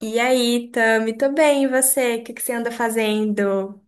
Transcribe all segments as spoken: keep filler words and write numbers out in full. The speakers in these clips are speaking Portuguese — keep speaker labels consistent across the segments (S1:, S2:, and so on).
S1: E aí, Tami, tô bem, e você? O que que você anda fazendo?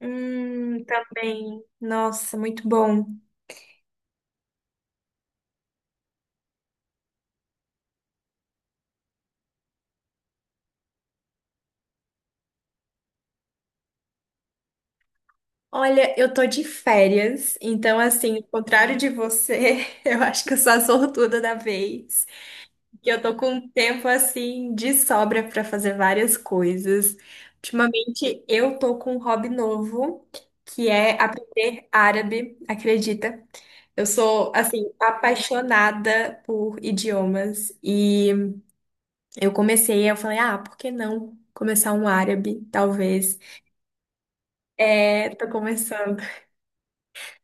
S1: Hum, também. Nossa, muito bom. Olha, eu tô de férias, então assim, ao contrário de você, eu acho que eu sou a sortuda da vez, que eu tô com um tempo assim de sobra pra fazer várias coisas. Ultimamente eu tô com um hobby novo, que é aprender árabe, acredita? Eu sou assim apaixonada por idiomas e eu comecei, eu falei, ah, por que não começar um árabe, talvez? É, tô começando.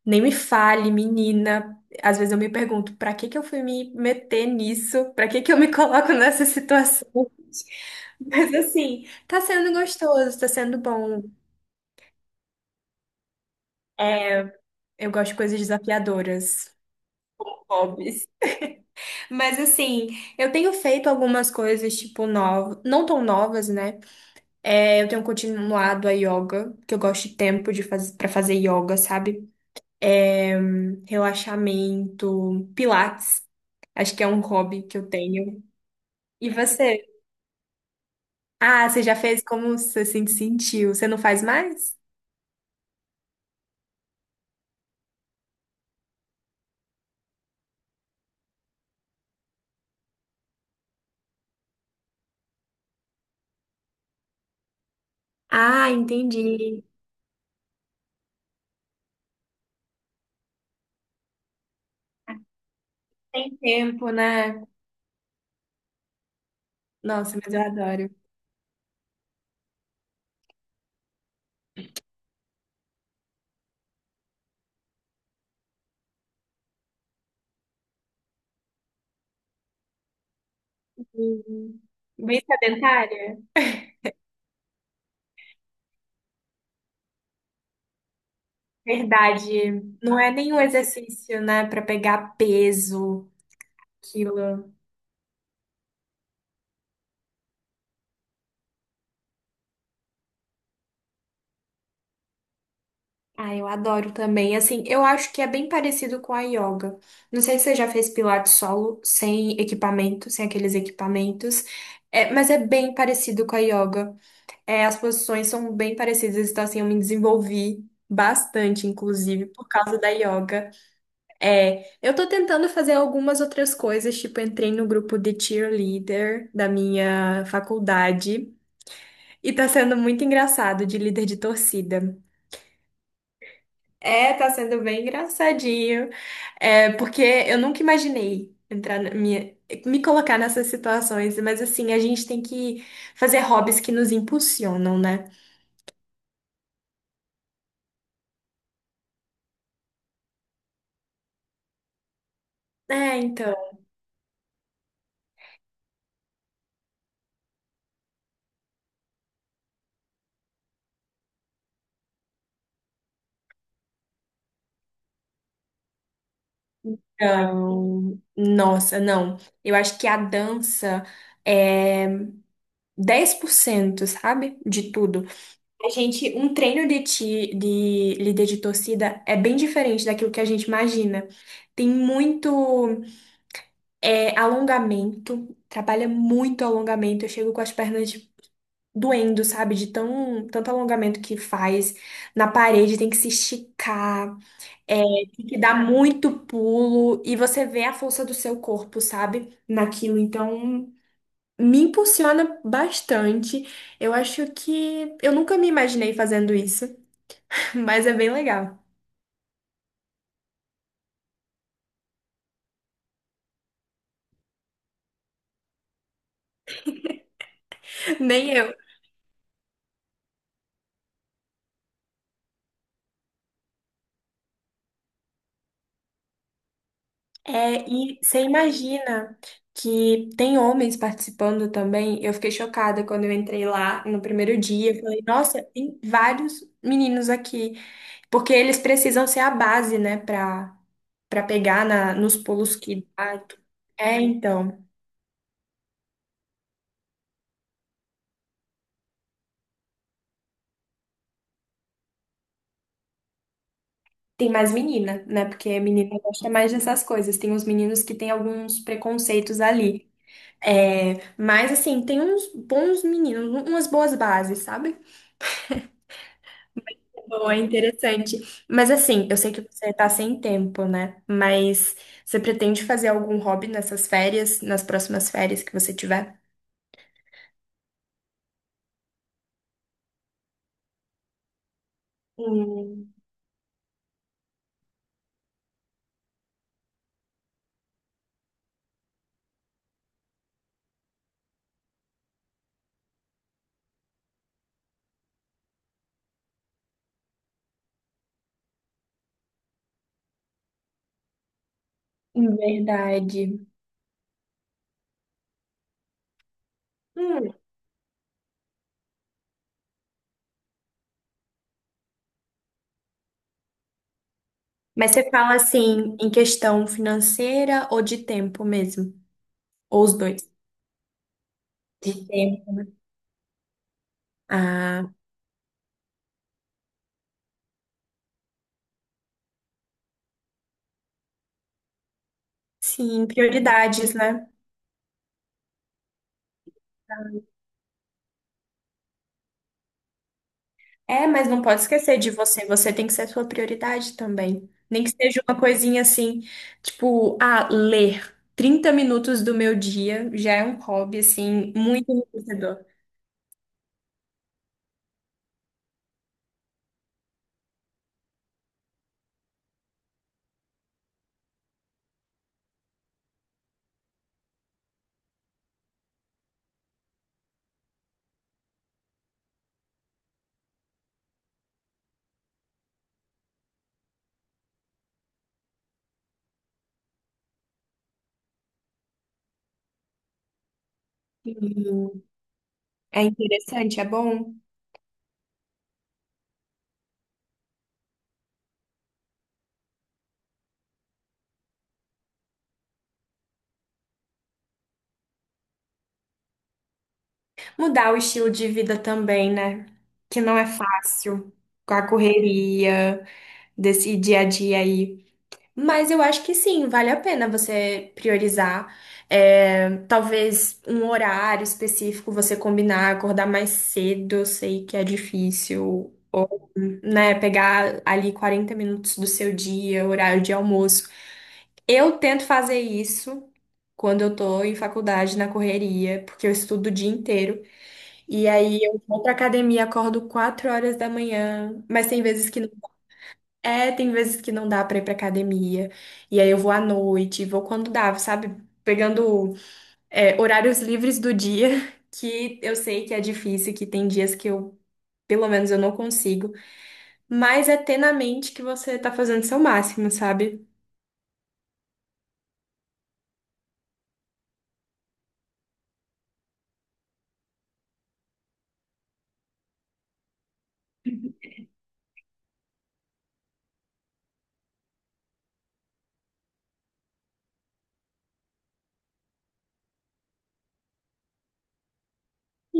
S1: Nem me fale, menina. Às vezes eu me pergunto, pra que que eu fui me meter nisso? Pra que que eu me coloco nessa situação? Mas assim, tá sendo gostoso, tá sendo bom. Eu gosto de coisas desafiadoras. Hobbies. Mas assim, eu tenho feito algumas coisas, tipo, novas, não tão novas, né? É, eu tenho continuado a yoga, que eu gosto de tempo de faz... para fazer yoga, sabe? É, relaxamento, pilates. Acho que é um hobby que eu tenho. E você? Ah, você já fez, como você se sentiu? Você não faz mais? Ah, entendi. Tem tempo, né? Nossa, mas eu adoro. Uhum. Bem sedentária? Verdade. Não é nenhum exercício, né, pra pegar peso, quilo. Ah, eu adoro também. Assim, eu acho que é bem parecido com a yoga. Não sei se você já fez pilates solo, sem equipamento, sem aqueles equipamentos. É, mas é bem parecido com a yoga. É, as posições são bem parecidas, então assim, eu me desenvolvi bastante, inclusive, por causa da yoga. É, eu tô tentando fazer algumas outras coisas, tipo, entrei no grupo de cheerleader da minha faculdade e tá sendo muito engraçado de líder de torcida. É, tá sendo bem engraçadinho. É, porque eu nunca imaginei entrar na minha, me colocar nessas situações, mas assim, a gente tem que fazer hobbies que nos impulsionam, né? É, então. Então, nossa, não. Eu acho que a dança é dez por cento, sabe? De tudo. A gente, um treino de, ti, de líder de torcida é bem diferente daquilo que a gente imagina. Tem muito. É, alongamento, trabalha muito alongamento. Eu chego com as pernas doendo, sabe? De tão, tanto alongamento que faz. Na parede tem que se esticar, é, tem que dar muito pulo. E você vê a força do seu corpo, sabe? Naquilo. Então, me impulsiona bastante. Eu acho que eu nunca me imaginei fazendo isso, mas é bem legal. Nem eu. É, e você imagina que tem homens participando também. Eu fiquei chocada quando eu entrei lá no primeiro dia. Eu falei, nossa, tem vários meninos aqui. Porque eles precisam ser a base, né, pra, pra pegar na, nos pulos que dá. É, então. Tem mais menina, né? Porque menina gosta mais dessas coisas. Tem uns meninos que têm alguns preconceitos ali. É, mas, assim, tem uns bons meninos, umas boas bases, sabe? Boa, interessante. Mas assim, eu sei que você tá sem tempo, né? Mas você pretende fazer algum hobby nessas férias, nas próximas férias que você tiver? Hum, verdade. Hum, Mas você fala assim, em questão financeira ou de tempo mesmo? Ou os dois? De tempo. Ah, sim, prioridades, né? É, mas não pode esquecer de você. Você tem que ser a sua prioridade também. Nem que seja uma coisinha assim, tipo, ah, ler Trinta minutos do meu dia já é um hobby, assim, muito enriquecedor. Sim. É interessante, é bom. Mudar o estilo de vida também, né? Que não é fácil com a correria desse dia a dia aí. Mas eu acho que sim, vale a pena você priorizar. É, talvez um horário específico você combinar, acordar mais cedo, eu sei que é difícil. Ou, né, pegar ali quarenta minutos do seu dia, horário de almoço. Eu tento fazer isso quando eu tô em faculdade, na correria, porque eu estudo o dia inteiro. E aí eu vou pra academia, acordo quatro horas da manhã, mas tem vezes que é, tem vezes que não dá pra ir pra academia, e aí eu vou à noite, vou quando dá, sabe? Pegando, é, horários livres do dia, que eu sei que é difícil, que tem dias que eu, pelo menos, eu não consigo, mas é ter na mente que você tá fazendo seu máximo, sabe? E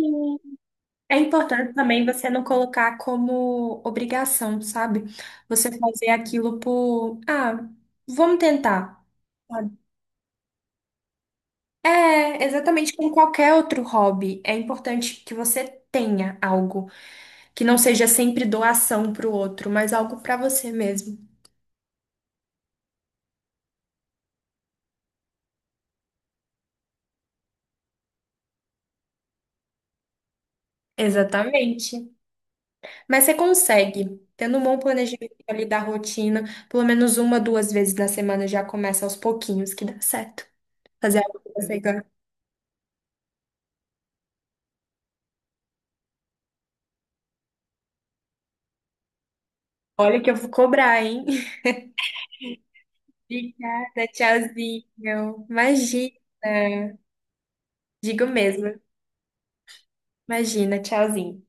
S1: é importante também você não colocar como obrigação, sabe? Você fazer aquilo por, ah, vamos tentar. É, exatamente como qualquer outro hobby, é importante que você tenha algo que não seja sempre doação para o outro, mas algo para você mesmo. Exatamente. Mas você consegue, tendo um bom planejamento ali da rotina, pelo menos uma, duas vezes na semana já começa aos pouquinhos que dá certo. Fazer algo que você gosta. Olha que eu vou cobrar, hein? Obrigada, tchauzinho. Imagina, digo mesmo. Imagina, tchauzinho.